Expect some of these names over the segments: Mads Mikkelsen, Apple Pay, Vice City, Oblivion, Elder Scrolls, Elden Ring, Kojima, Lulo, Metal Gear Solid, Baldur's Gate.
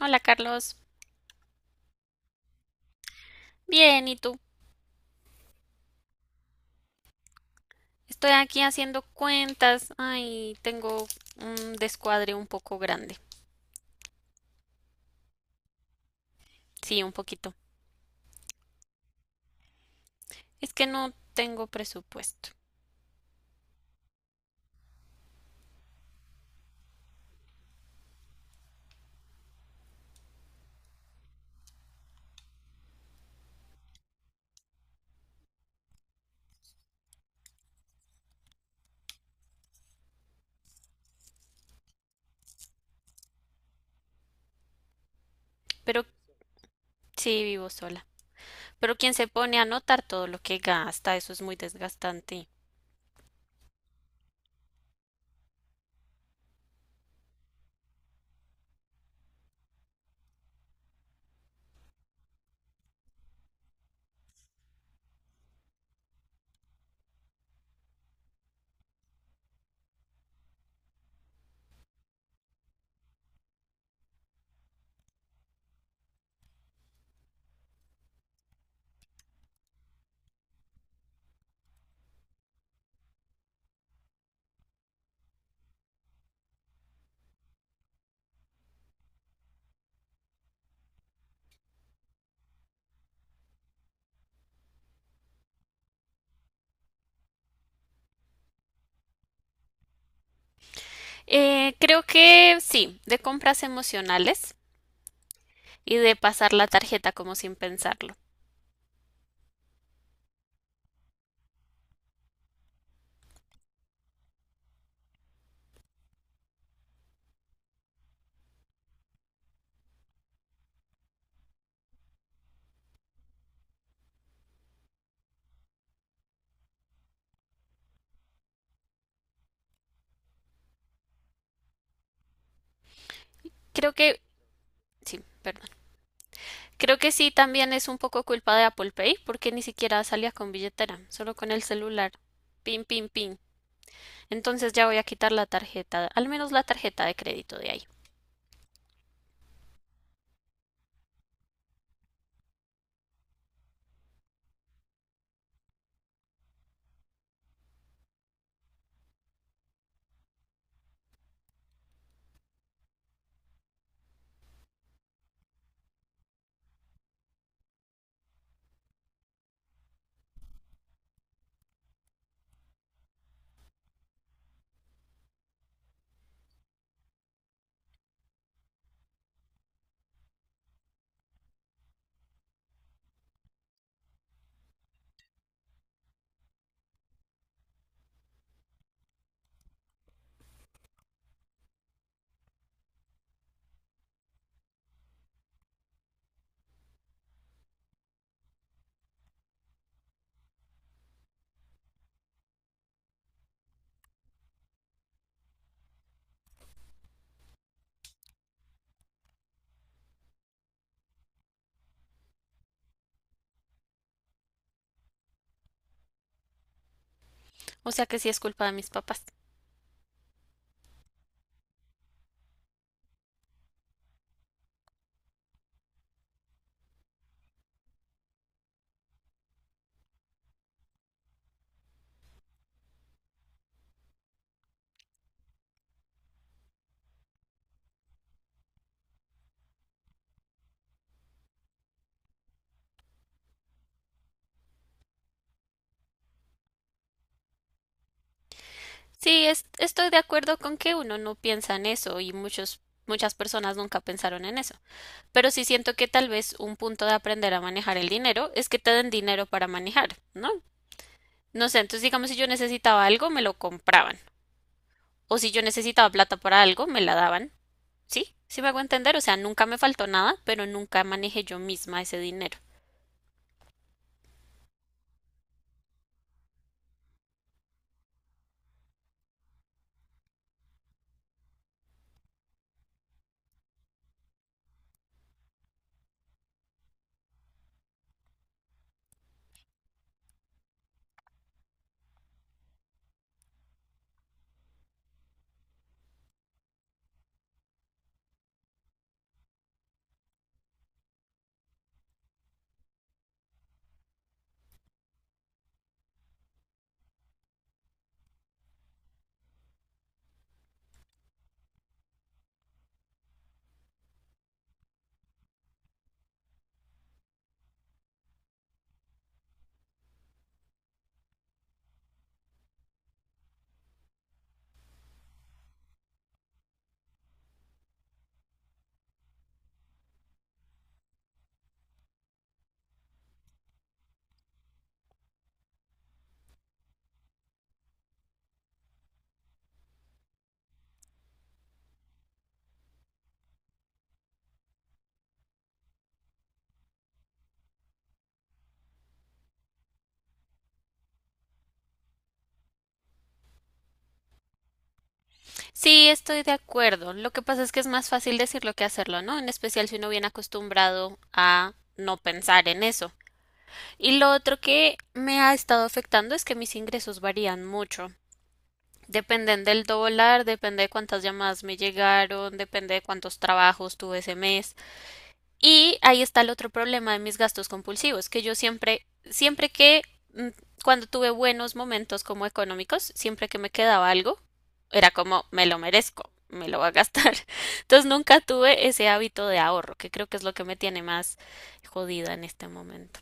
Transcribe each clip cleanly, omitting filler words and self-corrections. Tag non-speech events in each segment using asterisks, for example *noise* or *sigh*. Hola Carlos, bien, ¿y tú? Estoy aquí haciendo cuentas. Ay, tengo un descuadre un poco grande. Sí, un poquito. Es que no tengo presupuesto, pero sí vivo sola. Pero quien se pone a anotar todo lo que gasta, eso es muy desgastante. Creo que sí, de compras emocionales y de pasar la tarjeta como sin pensarlo. Creo que sí, perdón. Creo que sí, también es un poco culpa de Apple Pay, porque ni siquiera salía con billetera, solo con el celular. Pin, pin, pin. Entonces ya voy a quitar la tarjeta, al menos la tarjeta de crédito de ahí. O sea que sí es culpa de mis papás. Sí, estoy de acuerdo con que uno no piensa en eso y muchas personas nunca pensaron en eso. Pero sí siento que tal vez un punto de aprender a manejar el dinero es que te den dinero para manejar, ¿no? No sé, entonces digamos si yo necesitaba algo, me lo compraban. O si yo necesitaba plata para algo, me la daban. Sí, sí me hago entender, o sea, nunca me faltó nada, pero nunca manejé yo misma ese dinero. Sí, estoy de acuerdo. Lo que pasa es que es más fácil decirlo que hacerlo, ¿no? En especial si uno viene acostumbrado a no pensar en eso. Y lo otro que me ha estado afectando es que mis ingresos varían mucho. Dependen del dólar, depende de cuántas llamadas me llegaron, depende de cuántos trabajos tuve ese mes. Y ahí está el otro problema de mis gastos compulsivos, que yo siempre, siempre que, mm, cuando tuve buenos momentos como económicos, siempre que me quedaba algo, era como, me lo merezco, me lo voy a gastar. *laughs* Entonces nunca tuve ese hábito de ahorro, que creo que es lo que me tiene más jodida en este momento.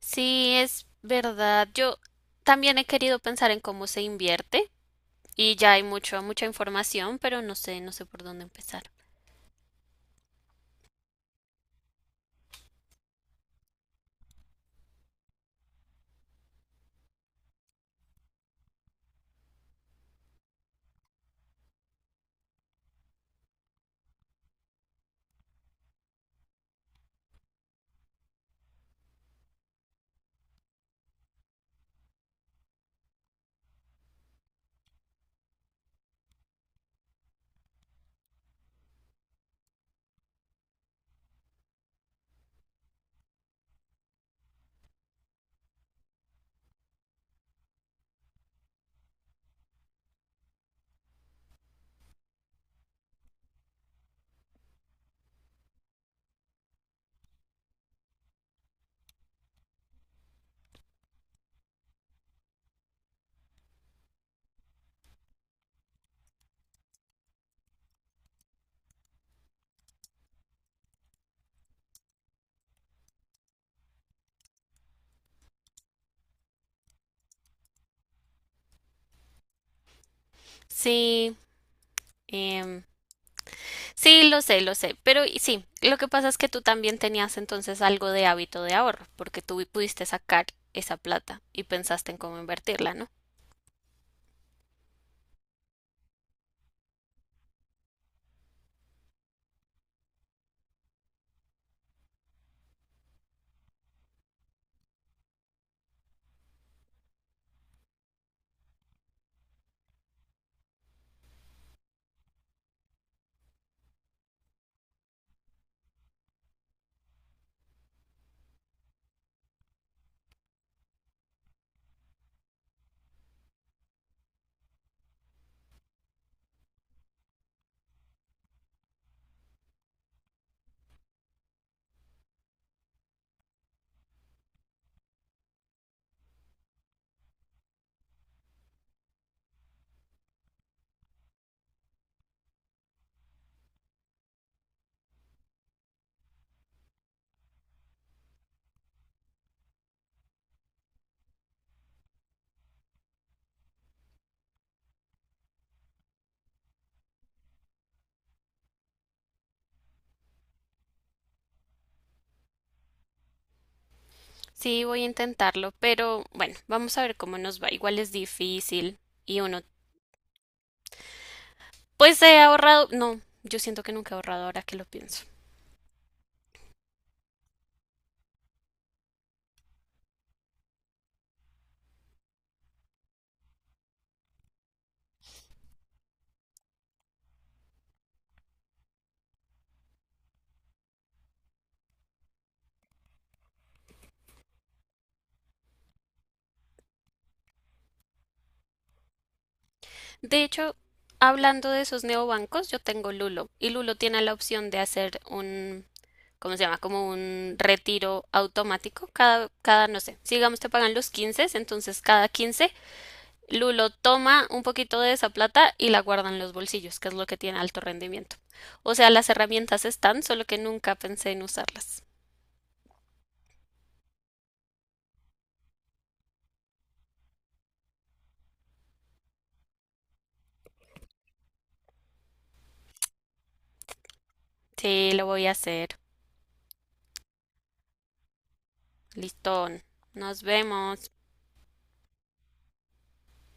Sí, es verdad. Yo también he querido pensar en cómo se invierte y ya hay mucho, mucha información, pero no sé, no sé por dónde empezar. Sí, em, sí, lo sé, pero sí, lo que pasa es que tú también tenías entonces algo de hábito de ahorro, porque tú pudiste sacar esa plata y pensaste en cómo invertirla, ¿no? Sí, voy a intentarlo, pero bueno, vamos a ver cómo nos va. Igual es difícil y uno, pues he ahorrado, no, yo siento que nunca he ahorrado ahora que lo pienso. De hecho, hablando de esos neobancos, yo tengo Lulo y Lulo tiene la opción de hacer un ¿cómo se llama? Como un retiro automático. Cada, no sé, si digamos te pagan los 15, entonces cada 15 Lulo toma un poquito de esa plata y la guarda en los bolsillos, que es lo que tiene alto rendimiento. O sea, las herramientas están, solo que nunca pensé en usarlas. Sí, lo voy a hacer. Listón. Nos vemos.